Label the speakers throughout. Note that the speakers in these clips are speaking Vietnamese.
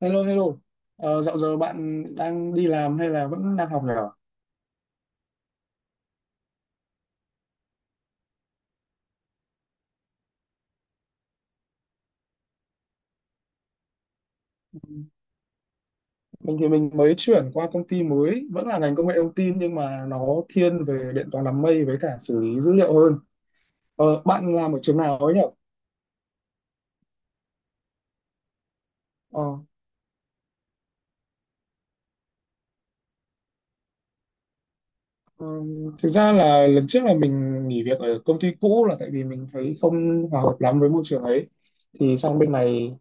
Speaker 1: Hello, hello. Dạo giờ bạn đang đi làm hay là vẫn đang học nhỉ? Mình thì mình mới chuyển qua công ty mới, vẫn là ngành công nghệ thông tin nhưng mà nó thiên về điện toán đám mây với cả xử lý dữ liệu hơn. Bạn làm ở trường nào ấy nhỉ? Ờ, Thực ra là lần trước là mình nghỉ việc ở công ty cũ là tại vì mình thấy không hòa hợp lắm với môi trường ấy. Thì sang bên này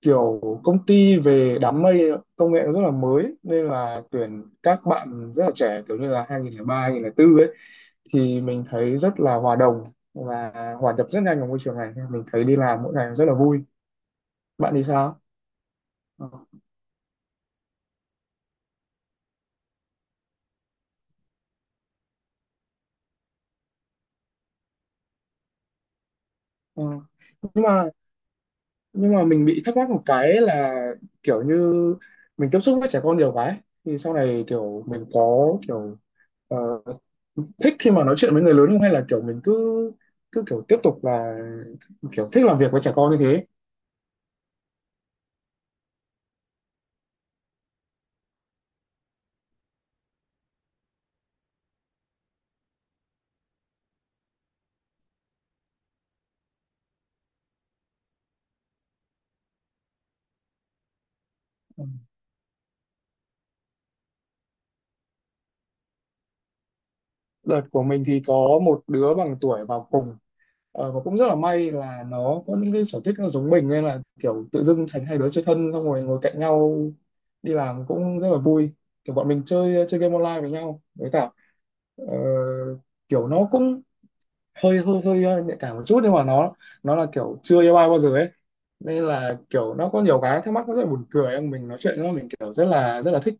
Speaker 1: kiểu công ty về đám mây công nghệ nó rất là mới, nên là tuyển các bạn rất là trẻ kiểu như là 2003, bốn ấy, thì mình thấy rất là hòa đồng và hòa nhập rất nhanh vào môi trường này, mình thấy đi làm mỗi ngày rất là vui. Bạn thì sao? Ờ, ờ. nhưng mà nhưng mà mình bị thắc mắc một cái là kiểu như mình tiếp xúc với trẻ con nhiều quá ấy. Thì sau này kiểu mình có kiểu ờ, thích khi mà nói chuyện với người lớn không, hay là kiểu mình cứ cứ kiểu tiếp tục là kiểu thích làm việc với trẻ con như thế. Ừ. Đợt của mình thì có một đứa bằng tuổi vào cùng. Và cũng rất là may là nó có những cái sở thích nó giống mình, nên là kiểu tự dưng thành 2 đứa chơi thân xong rồi ngồi cạnh nhau, đi làm cũng rất là vui. Kiểu bọn mình chơi chơi game online với nhau, với cả ờ, kiểu nó cũng hơi hơi hơi nhạy cảm một chút, nhưng mà nó là kiểu chưa yêu ai bao giờ ấy, nên là kiểu nó có nhiều cái thắc mắc, nó rất là buồn cười. Em mình nói chuyện nó, mình kiểu rất là thích.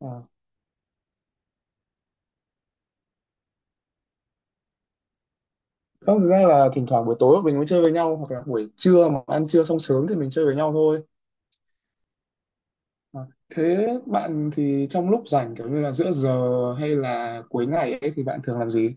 Speaker 1: À. Không, thực ra là thỉnh thoảng buổi tối mình mới chơi với nhau hoặc là buổi trưa mà ăn trưa xong sớm thì mình chơi với nhau thôi. À, thế bạn thì trong lúc rảnh kiểu như là giữa giờ hay là cuối ngày ấy thì bạn thường làm gì?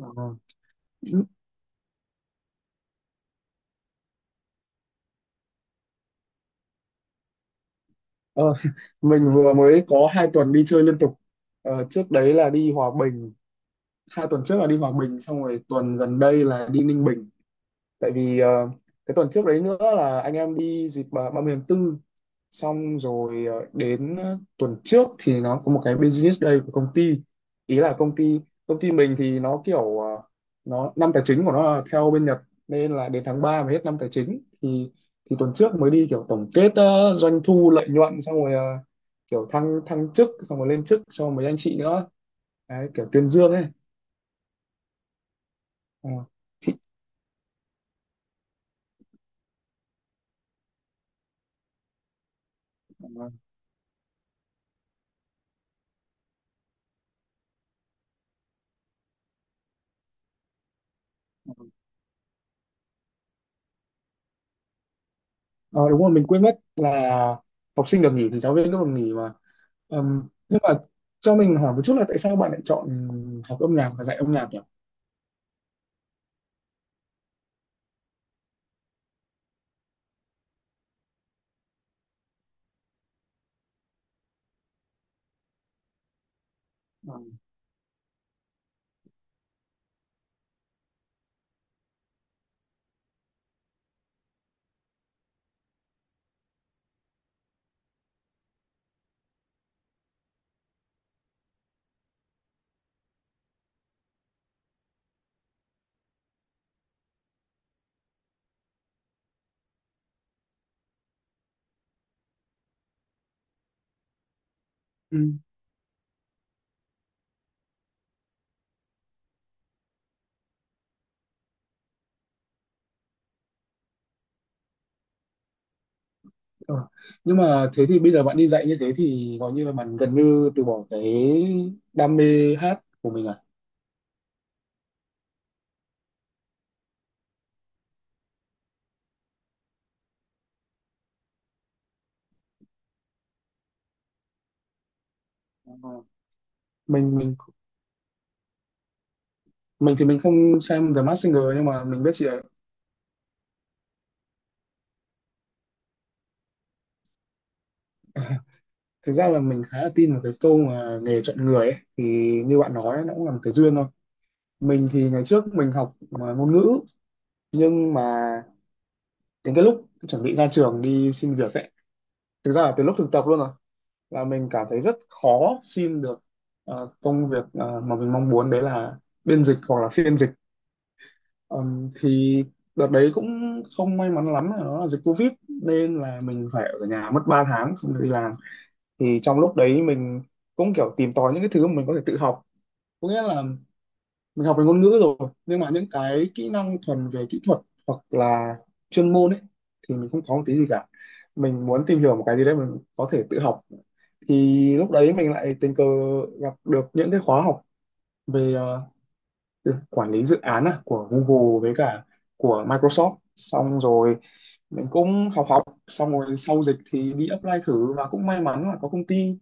Speaker 1: Ờ, ờ, mình vừa mới có 2 tuần đi chơi liên tục. Trước đấy là đi Hòa Bình, 2 tuần trước là đi Hòa Bình, xong rồi tuần gần đây là đi Ninh Bình. Tại vì cái tuần trước đấy nữa là anh em đi dịp 30 tháng 4, xong rồi đến tuần trước thì nó có một cái business day của công ty. Ý là công ty mình thì nó kiểu nó, năm tài chính của nó là theo bên Nhật, nên là đến tháng 3 mới hết năm tài chính, thì tuần trước mới đi kiểu tổng kết doanh thu lợi nhuận, xong rồi kiểu thăng thăng chức xong rồi lên chức cho mấy anh chị nữa. Đấy, kiểu tuyên dương ấy. Ờ. Thì- Ờ, đúng rồi, mình quên mất là học sinh được nghỉ thì giáo viên cũng được nghỉ mà. Ừm, nhưng mà cho mình hỏi một chút là tại sao bạn lại chọn học âm nhạc và dạy âm nhạc nhỉ? Ờ. Ừ. Ờ. Nhưng mà thế thì bây giờ bạn đi dạy như thế thì gọi như là bạn gần như từ bỏ cái đam mê hát của mình à? Ờ, Mình mình mình thì mình không xem The Masked Singer nhưng mà mình biết chị ấy. Thực ra là mình khá là tin vào cái câu mà nghề chọn người ấy. Thì như bạn nói ấy, nó cũng là một cái duyên thôi. Mình thì ngày trước mình học mà ngôn ngữ, nhưng mà đến cái lúc chuẩn bị ra trường đi xin việc ấy, thực ra là từ lúc thực tập luôn rồi, là mình cảm thấy rất khó xin được công việc mà mình mong muốn, đấy là biên dịch hoặc là phiên dịch. Thì đợt đấy cũng không may mắn lắm là nó là dịch Covid, nên là mình phải ở nhà mất 3 tháng không được đi làm. Thì trong lúc đấy mình cũng kiểu tìm tòi những cái thứ mà mình có thể tự học, có nghĩa là mình học về ngôn ngữ rồi, nhưng mà những cái kỹ năng thuần về kỹ thuật hoặc là chuyên môn ấy thì mình không có một tí gì cả. Mình muốn tìm hiểu một cái gì đấy mình có thể tự học, thì lúc đấy mình lại tình cờ gặp được những cái khóa học về từ quản lý dự án à, của Google với cả của Microsoft, xong rồi mình cũng học học xong rồi sau dịch thì đi apply thử, và cũng may mắn là có công ty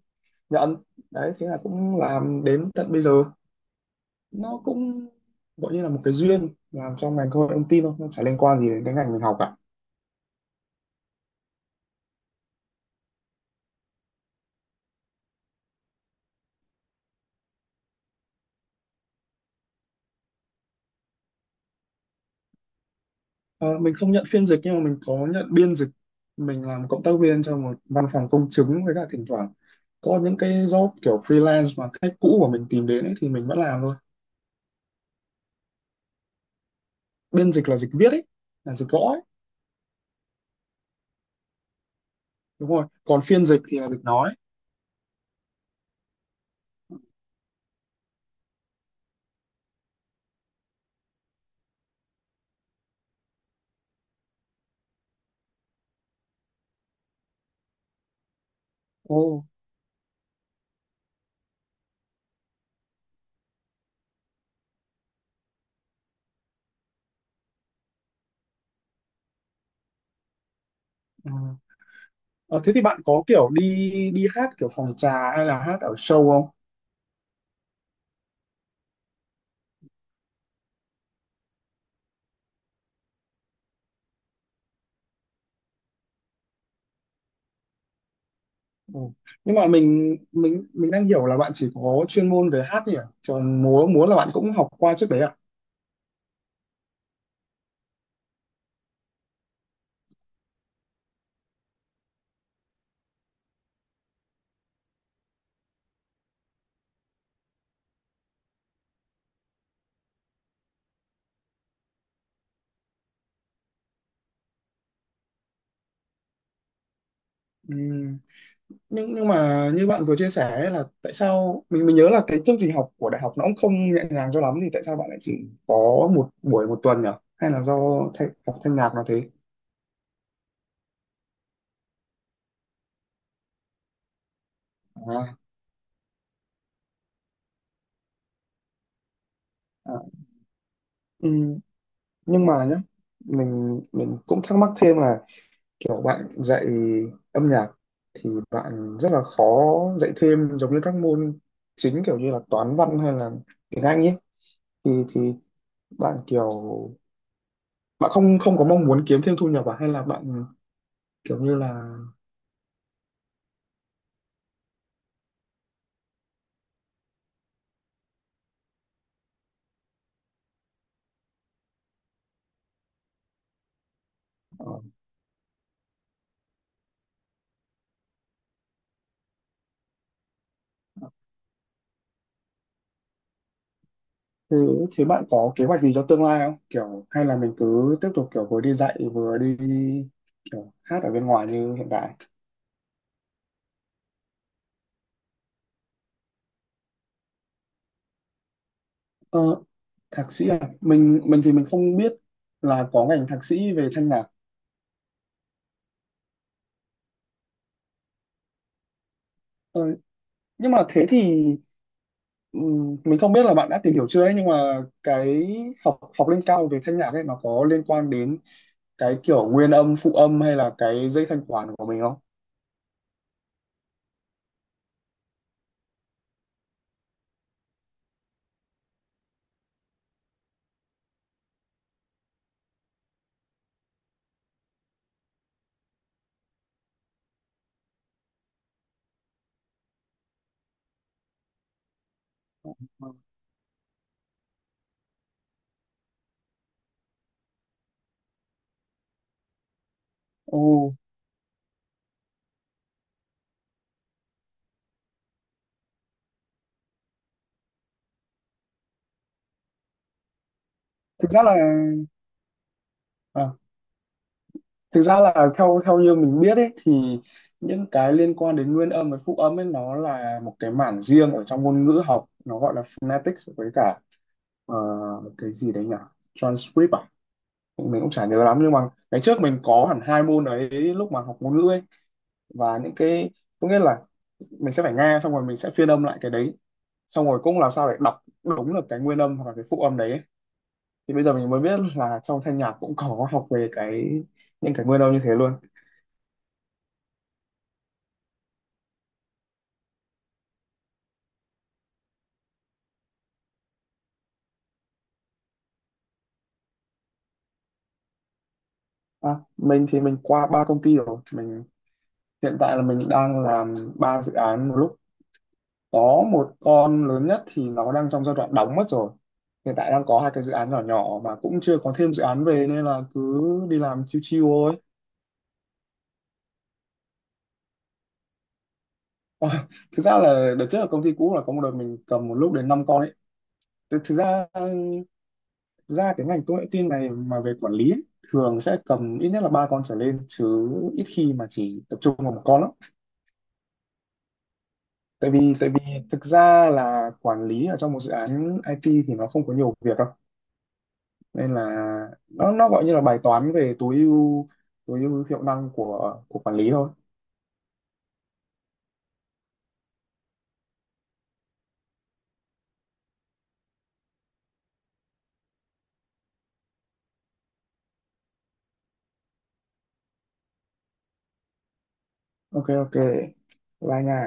Speaker 1: nhận. Đấy thế là cũng làm đến tận bây giờ. Nó cũng gọi như là một cái duyên, làm trong ngành công nghệ thông tin thôi, nó chả liên quan gì đến cái ngành mình học cả. Ờ, mình không nhận phiên dịch nhưng mà mình có nhận biên dịch. Mình làm cộng tác viên cho một văn phòng công chứng, với cả thỉnh thoảng có những cái job kiểu freelance mà khách cũ của mình tìm đến ấy, thì mình vẫn làm thôi. Biên dịch là dịch viết ấy, là dịch gõ ấy. Đúng rồi, còn phiên dịch thì là dịch nói. Ồ. Ừ. Ờ, thế thì bạn có kiểu đi đi hát kiểu phòng trà hay là hát ở show không? Ừ. Nhưng mà mình đang hiểu là bạn chỉ có chuyên môn về hát nhỉ? Còn múa múa là bạn cũng học qua trước đấy à? Ừ. Nhưng mà như bạn vừa chia sẻ ấy, là tại sao mình nhớ là cái chương trình học của đại học nó cũng không nhẹ nhàng cho lắm, thì tại sao bạn lại chỉ có một buổi một tuần nhỉ? Hay là do thay, học thanh nhạc nó thế? À, à. Ừ. Nhưng mà nhá, mình cũng thắc mắc thêm là kiểu bạn dạy âm nhạc thì bạn rất là khó dạy thêm giống như các môn chính kiểu như là toán văn hay là tiếng Anh ấy, thì bạn kiểu bạn không không có mong muốn kiếm thêm thu nhập à, hay là bạn kiểu như là ờ, thế thế bạn có kế hoạch gì cho tương lai không, kiểu hay là mình cứ tiếp tục kiểu vừa đi dạy vừa đi kiểu hát ở bên ngoài như hiện tại? ờ, Thạc sĩ à, mình thì mình không biết là có ngành thạc sĩ về thanh nhạc. ờ, nhưng mà thế thì mình không biết là bạn đã tìm hiểu chưa ấy, nhưng mà cái học học lên cao về thanh nhạc ấy nó có liên quan đến cái kiểu nguyên âm phụ âm hay là cái dây thanh quản của mình không? Ồ, thực ra là à, thực ra là theo theo như mình biết ấy, thì những cái liên quan đến nguyên âm và phụ âm ấy nó là một cái mảng riêng ở trong ngôn ngữ học, nó gọi là phonetics với cả ờ, cái gì đấy nhỉ, transcript à. Mình cũng chả nhớ lắm, nhưng mà ngày trước mình có hẳn 2 môn đấy lúc mà học ngôn ngữ ấy. Và những cái, có nghĩa là mình sẽ phải nghe xong rồi mình sẽ phiên âm lại cái đấy, xong rồi cũng làm sao để đọc đúng được cái nguyên âm hoặc là cái phụ âm đấy ấy. Thì bây giờ mình mới biết là trong thanh nhạc cũng có học về cái, những cái nguyên âm như thế luôn. À, mình thì mình qua 3 công ty rồi. Mình hiện tại là mình đang làm 3 dự án một lúc. Có một con lớn nhất thì nó đang trong giai đoạn đóng mất rồi, hiện tại đang có 2 cái dự án nhỏ nhỏ mà cũng chưa có thêm dự án về, nên là cứ đi làm chiêu chiêu thôi. Ờ, thực ra là đợt trước ở công ty cũ là có một đợt mình cầm một lúc đến 5 con ấy. Thực thực ra cái ngành công nghệ tin này mà về quản lý ấy, thường sẽ cầm ít nhất là 3 con trở lên chứ ít khi mà chỉ tập trung vào một con lắm. Tại vì thực ra là quản lý ở trong một dự án IT thì nó không có nhiều việc đâu. Nên là nó gọi như là bài toán về tối ưu, tối ưu hiệu năng của quản lý thôi. Ok ok. Bye nha.